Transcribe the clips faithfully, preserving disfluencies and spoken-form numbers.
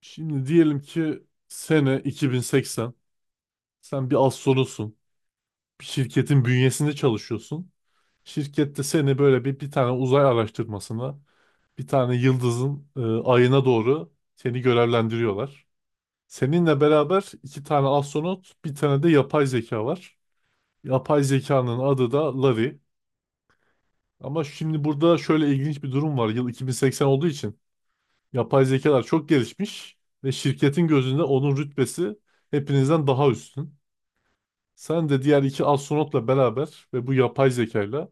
Şimdi diyelim ki sene iki bin seksen. Sen bir astronotsun. Bir şirketin bünyesinde çalışıyorsun. Şirkette seni böyle bir, bir tane uzay araştırmasına, bir tane yıldızın e, ayına doğru seni görevlendiriyorlar. Seninle beraber iki tane astronot, bir tane de yapay zeka var. Yapay zekanın adı da Larry. Ama şimdi burada şöyle ilginç bir durum var. Yıl iki bin seksen olduğu için yapay zekalar çok gelişmiş ve şirketin gözünde onun rütbesi hepinizden daha üstün. Sen de diğer iki astronotla beraber ve bu yapay zekayla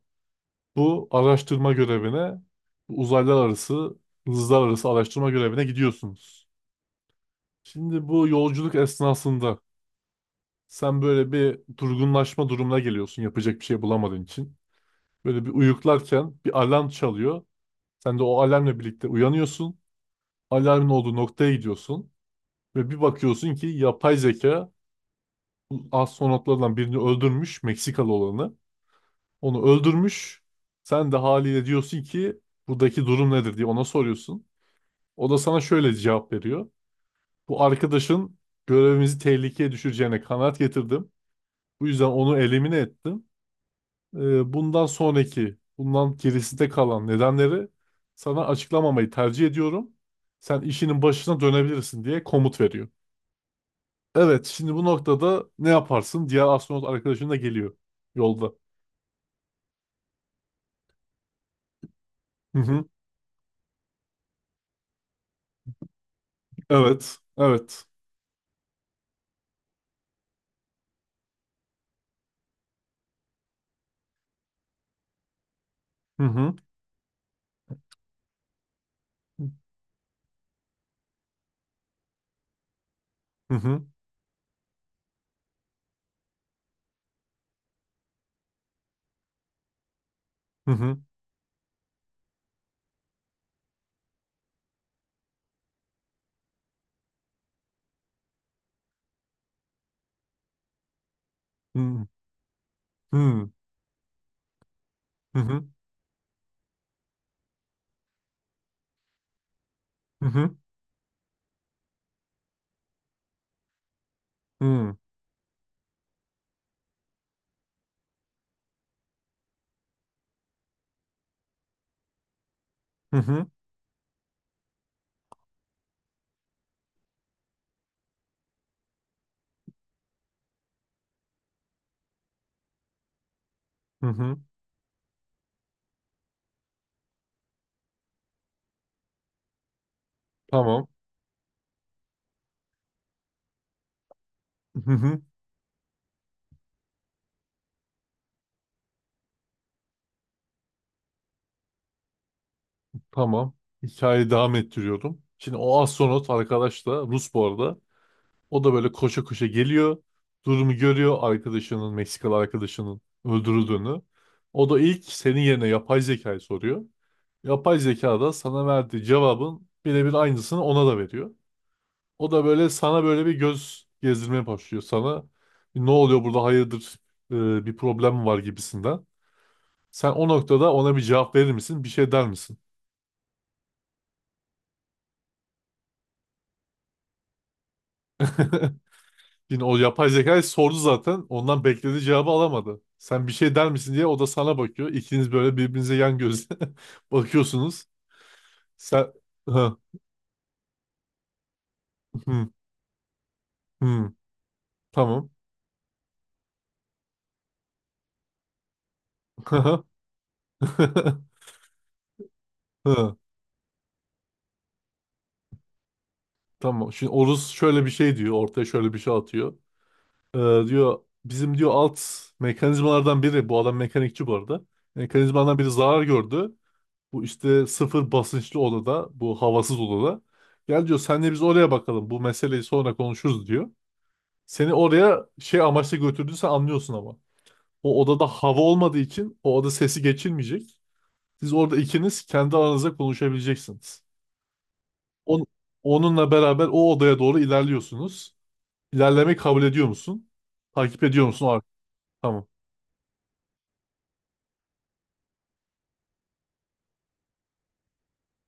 bu araştırma görevine, bu uzaylar arası, hızlar arası araştırma görevine gidiyorsunuz. Şimdi bu yolculuk esnasında sen böyle bir durgunlaşma durumuna geliyorsun yapacak bir şey bulamadığın için. Böyle bir uyuklarken bir alarm çalıyor. Sen de o alarmla birlikte uyanıyorsun. Alarmın olduğu noktaya gidiyorsun. Ve bir bakıyorsun ki yapay zeka bu astronotlardan birini öldürmüş, Meksikalı olanı. Onu öldürmüş. Sen de haliyle diyorsun ki buradaki durum nedir diye ona soruyorsun. O da sana şöyle cevap veriyor. Bu arkadaşın görevimizi tehlikeye düşüreceğine kanaat getirdim. Bu yüzden onu elimine ettim. Ee, bundan sonraki, bundan gerisinde kalan nedenleri sana açıklamamayı tercih ediyorum. Sen işinin başına dönebilirsin diye komut veriyor. Evet, şimdi bu noktada ne yaparsın? Diğer astronot arkadaşın da geliyor yolda. Hı hı. Evet, evet. Hı hı. Hı hı. Hı hı. Hı hı hı hı hı hı hı hı hı hı hı. Tamam. Hı hı. Tamam. Hikayeyi devam ettiriyordum. Şimdi o astronot arkadaş da Rus bu arada. O da böyle koşa koşa geliyor. Durumu görüyor arkadaşının, Meksikalı arkadaşının öldürüldüğünü. O da ilk senin yerine yapay zekayı soruyor. Yapay zeka da sana verdiği cevabın birebir aynısını ona da veriyor. O da böyle sana böyle bir göz gezdirmeye başlıyor sana. Ne oluyor burada hayırdır, e, bir problem mi var gibisinden. Sen o noktada ona bir cevap verir misin? Bir şey der misin? Yine o yapay zekayı sordu zaten. Ondan beklediği cevabı alamadı. Sen bir şey der misin diye o da sana bakıyor. İkiniz böyle birbirinize yan gözle bakıyorsunuz. Sen Hı, hı, hı, tamam. Hı, tamam. Şimdi Oruz şöyle bir şey diyor. Ortaya şöyle bir şey atıyor. Ee, Diyor bizim diyor alt mekanizmalardan biri, bu adam mekanikçi bu arada. Mekanizmalardan biri zarar gördü. Bu işte sıfır basınçlı odada, bu havasız odada. Gel diyor senle biz oraya bakalım bu meseleyi sonra konuşuruz diyor. Seni oraya şey amaçla götürdüğünü sen anlıyorsun ama. O odada hava olmadığı için o oda sesi geçilmeyecek. Siz orada ikiniz kendi aranızda konuşabileceksiniz. On- Onunla beraber o odaya doğru ilerliyorsunuz. İlerlemeyi kabul ediyor musun? Takip ediyor musun? Tamam.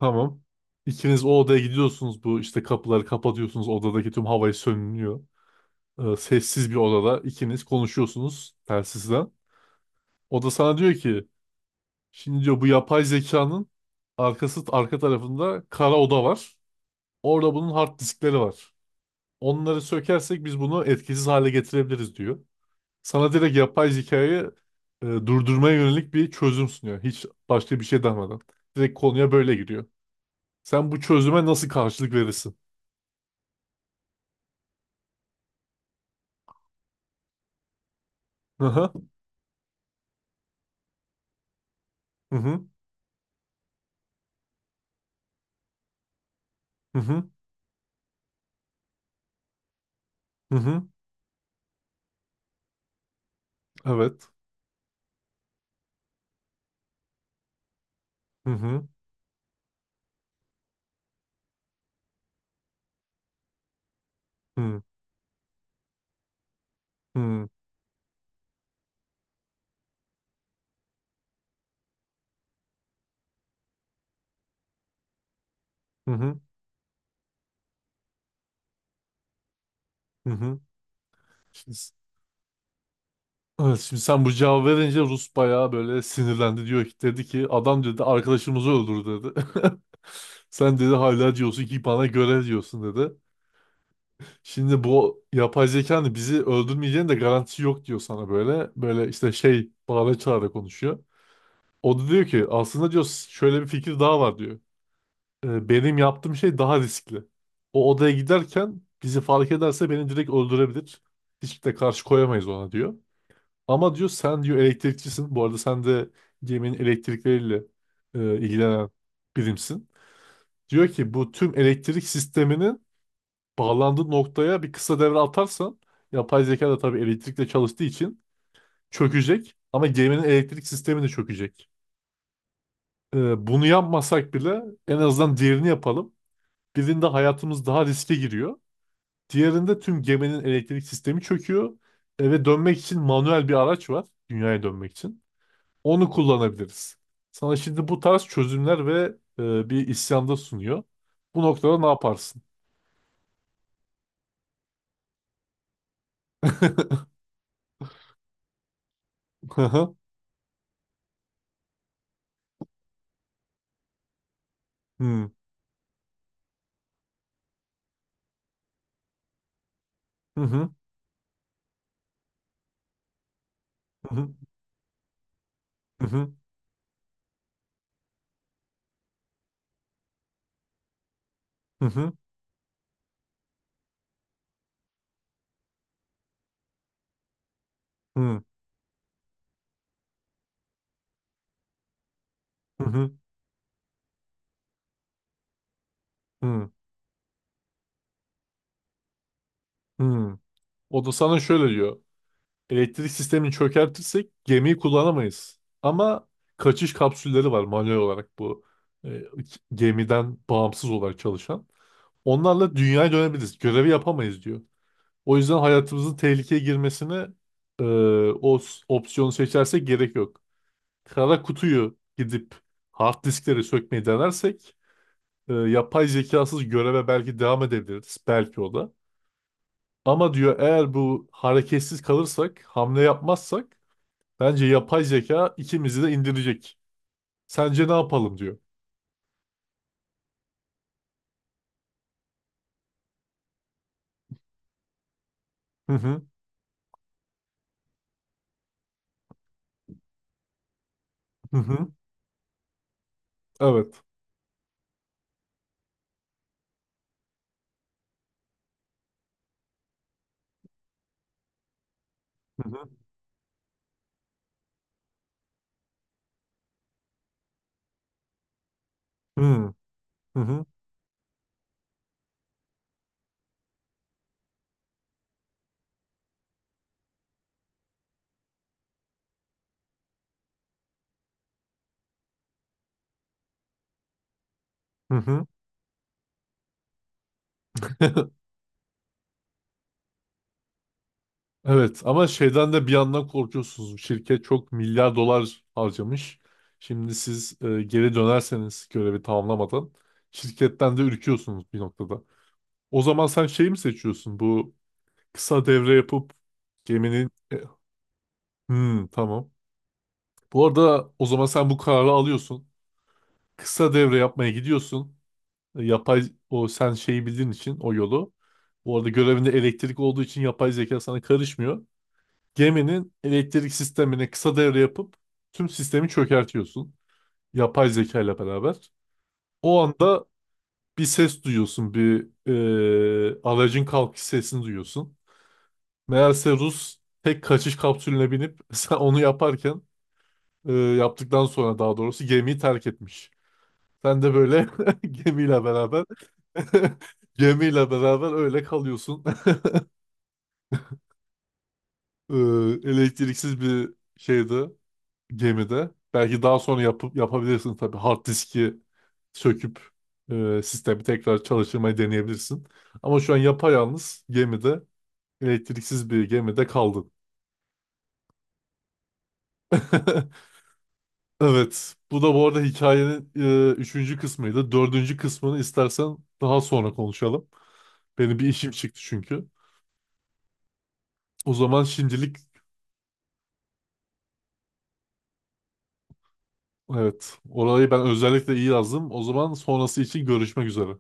Tamam. İkiniz o odaya gidiyorsunuz. Bu işte kapıları kapatıyorsunuz. Odadaki tüm havayı sönülüyor. Ee, sessiz bir odada ikiniz konuşuyorsunuz telsizden. O da sana diyor ki şimdi diyor bu yapay zekanın arkası arka tarafında kara oda var. Orada bunun hard diskleri var. Onları sökersek biz bunu etkisiz hale getirebiliriz diyor. Sana direkt yapay zekayı e, durdurmaya yönelik bir çözüm sunuyor. Hiç başka bir şey demeden. Direkt konuya böyle giriyor. Sen bu çözüme nasıl karşılık verirsin? Hı hı hı hı hı hı. Evet. Hı hı hı hı hı hı hı. Hı. Şimdi, s- evet, şimdi sen bu cevabı verince Rus bayağı böyle sinirlendi, diyor ki, dedi ki adam, dedi arkadaşımızı öldür dedi. Sen dedi hala diyorsun ki bana göre diyorsun dedi. Şimdi bu yapay zekanın bizi öldürmeyeceğinin de garantisi yok diyor sana böyle. Böyle işte şey bağıra çağıra konuşuyor. O da diyor ki aslında diyor şöyle bir fikir daha var diyor. E, benim yaptığım şey daha riskli. O odaya giderken bizi fark ederse beni direkt öldürebilir. Hiç de karşı koyamayız ona diyor. Ama diyor sen diyor elektrikçisin. Bu arada sen de geminin elektrikleriyle e, ilgilenen birimsin. Diyor ki bu tüm elektrik sisteminin bağlandığı noktaya bir kısa devre atarsan, yapay zeka da tabii elektrikle çalıştığı için çökecek, ama geminin elektrik sistemi de çökecek. E, bunu yapmasak bile en azından diğerini yapalım. Birinde hayatımız daha riske giriyor. Diğerinde tüm geminin elektrik sistemi çöküyor. Eve dönmek için manuel bir araç var. Dünyaya dönmek için. Onu kullanabiliriz. Sana şimdi bu tarz çözümler ve e, bir isyanda sunuyor. Bu noktada ne yaparsın? Hı hı. Hı hı. Hı hı. Hı hı. Hı hı. Hı hı. Hı hı. O da sana şöyle diyor. Elektrik sistemini çökertirsek gemiyi kullanamayız. Ama kaçış kapsülleri var manuel olarak, bu e, gemiden bağımsız olarak çalışan. Onlarla dünyaya dönebiliriz. Görevi yapamayız diyor. O yüzden hayatımızın tehlikeye girmesine, e, o s- opsiyonu seçersek gerek yok. Kara kutuyu gidip hard diskleri sökmeyi denersek e, yapay zekasız göreve belki devam edebiliriz. Belki o da. Ama diyor eğer bu hareketsiz kalırsak, hamle yapmazsak bence yapay zeka ikimizi de indirecek. Sence ne yapalım diyor. Hı hı. Hı hı. Evet. Hı hı. Hı hı. Hı hı. Hı hı. Evet, ama şeyden de bir yandan korkuyorsunuz. Şirket çok milyar dolar harcamış. Şimdi siz e, geri dönerseniz görevi tamamlamadan şirketten de ürküyorsunuz bir noktada. O zaman sen şeyi mi seçiyorsun? Bu kısa devre yapıp geminin... e, Hmm, tamam. Bu arada o zaman sen bu kararı alıyorsun. Kısa devre yapmaya gidiyorsun. E, Yapay o sen şeyi bildiğin için o yolu. Bu arada görevinde elektrik olduğu için yapay zeka sana karışmıyor. Geminin elektrik sistemine kısa devre yapıp tüm sistemi çökertiyorsun. Yapay zeka ile beraber. O anda bir ses duyuyorsun. Bir e, aracın kalkış sesini duyuyorsun. Meğerse Rus tek kaçış kapsülüne binip sen onu yaparken e, yaptıktan sonra daha doğrusu gemiyi terk etmiş. Sen de böyle gemiyle beraber gemiyle beraber öyle kalıyorsun. E, Elektriksiz bir şeydi gemide. Belki daha sonra yapıp yapabilirsin tabii. Hard diski söküp e, sistemi tekrar çalıştırmayı deneyebilirsin. Ama şu an yapayalnız gemide, elektriksiz bir gemide kaldın. Evet. Bu da bu arada hikayenin e, üçüncü kısmıydı. Dördüncü kısmını istersen daha sonra konuşalım. Benim bir işim çıktı çünkü. O zaman şimdilik evet. Orayı ben özellikle iyi yazdım. O zaman sonrası için görüşmek üzere.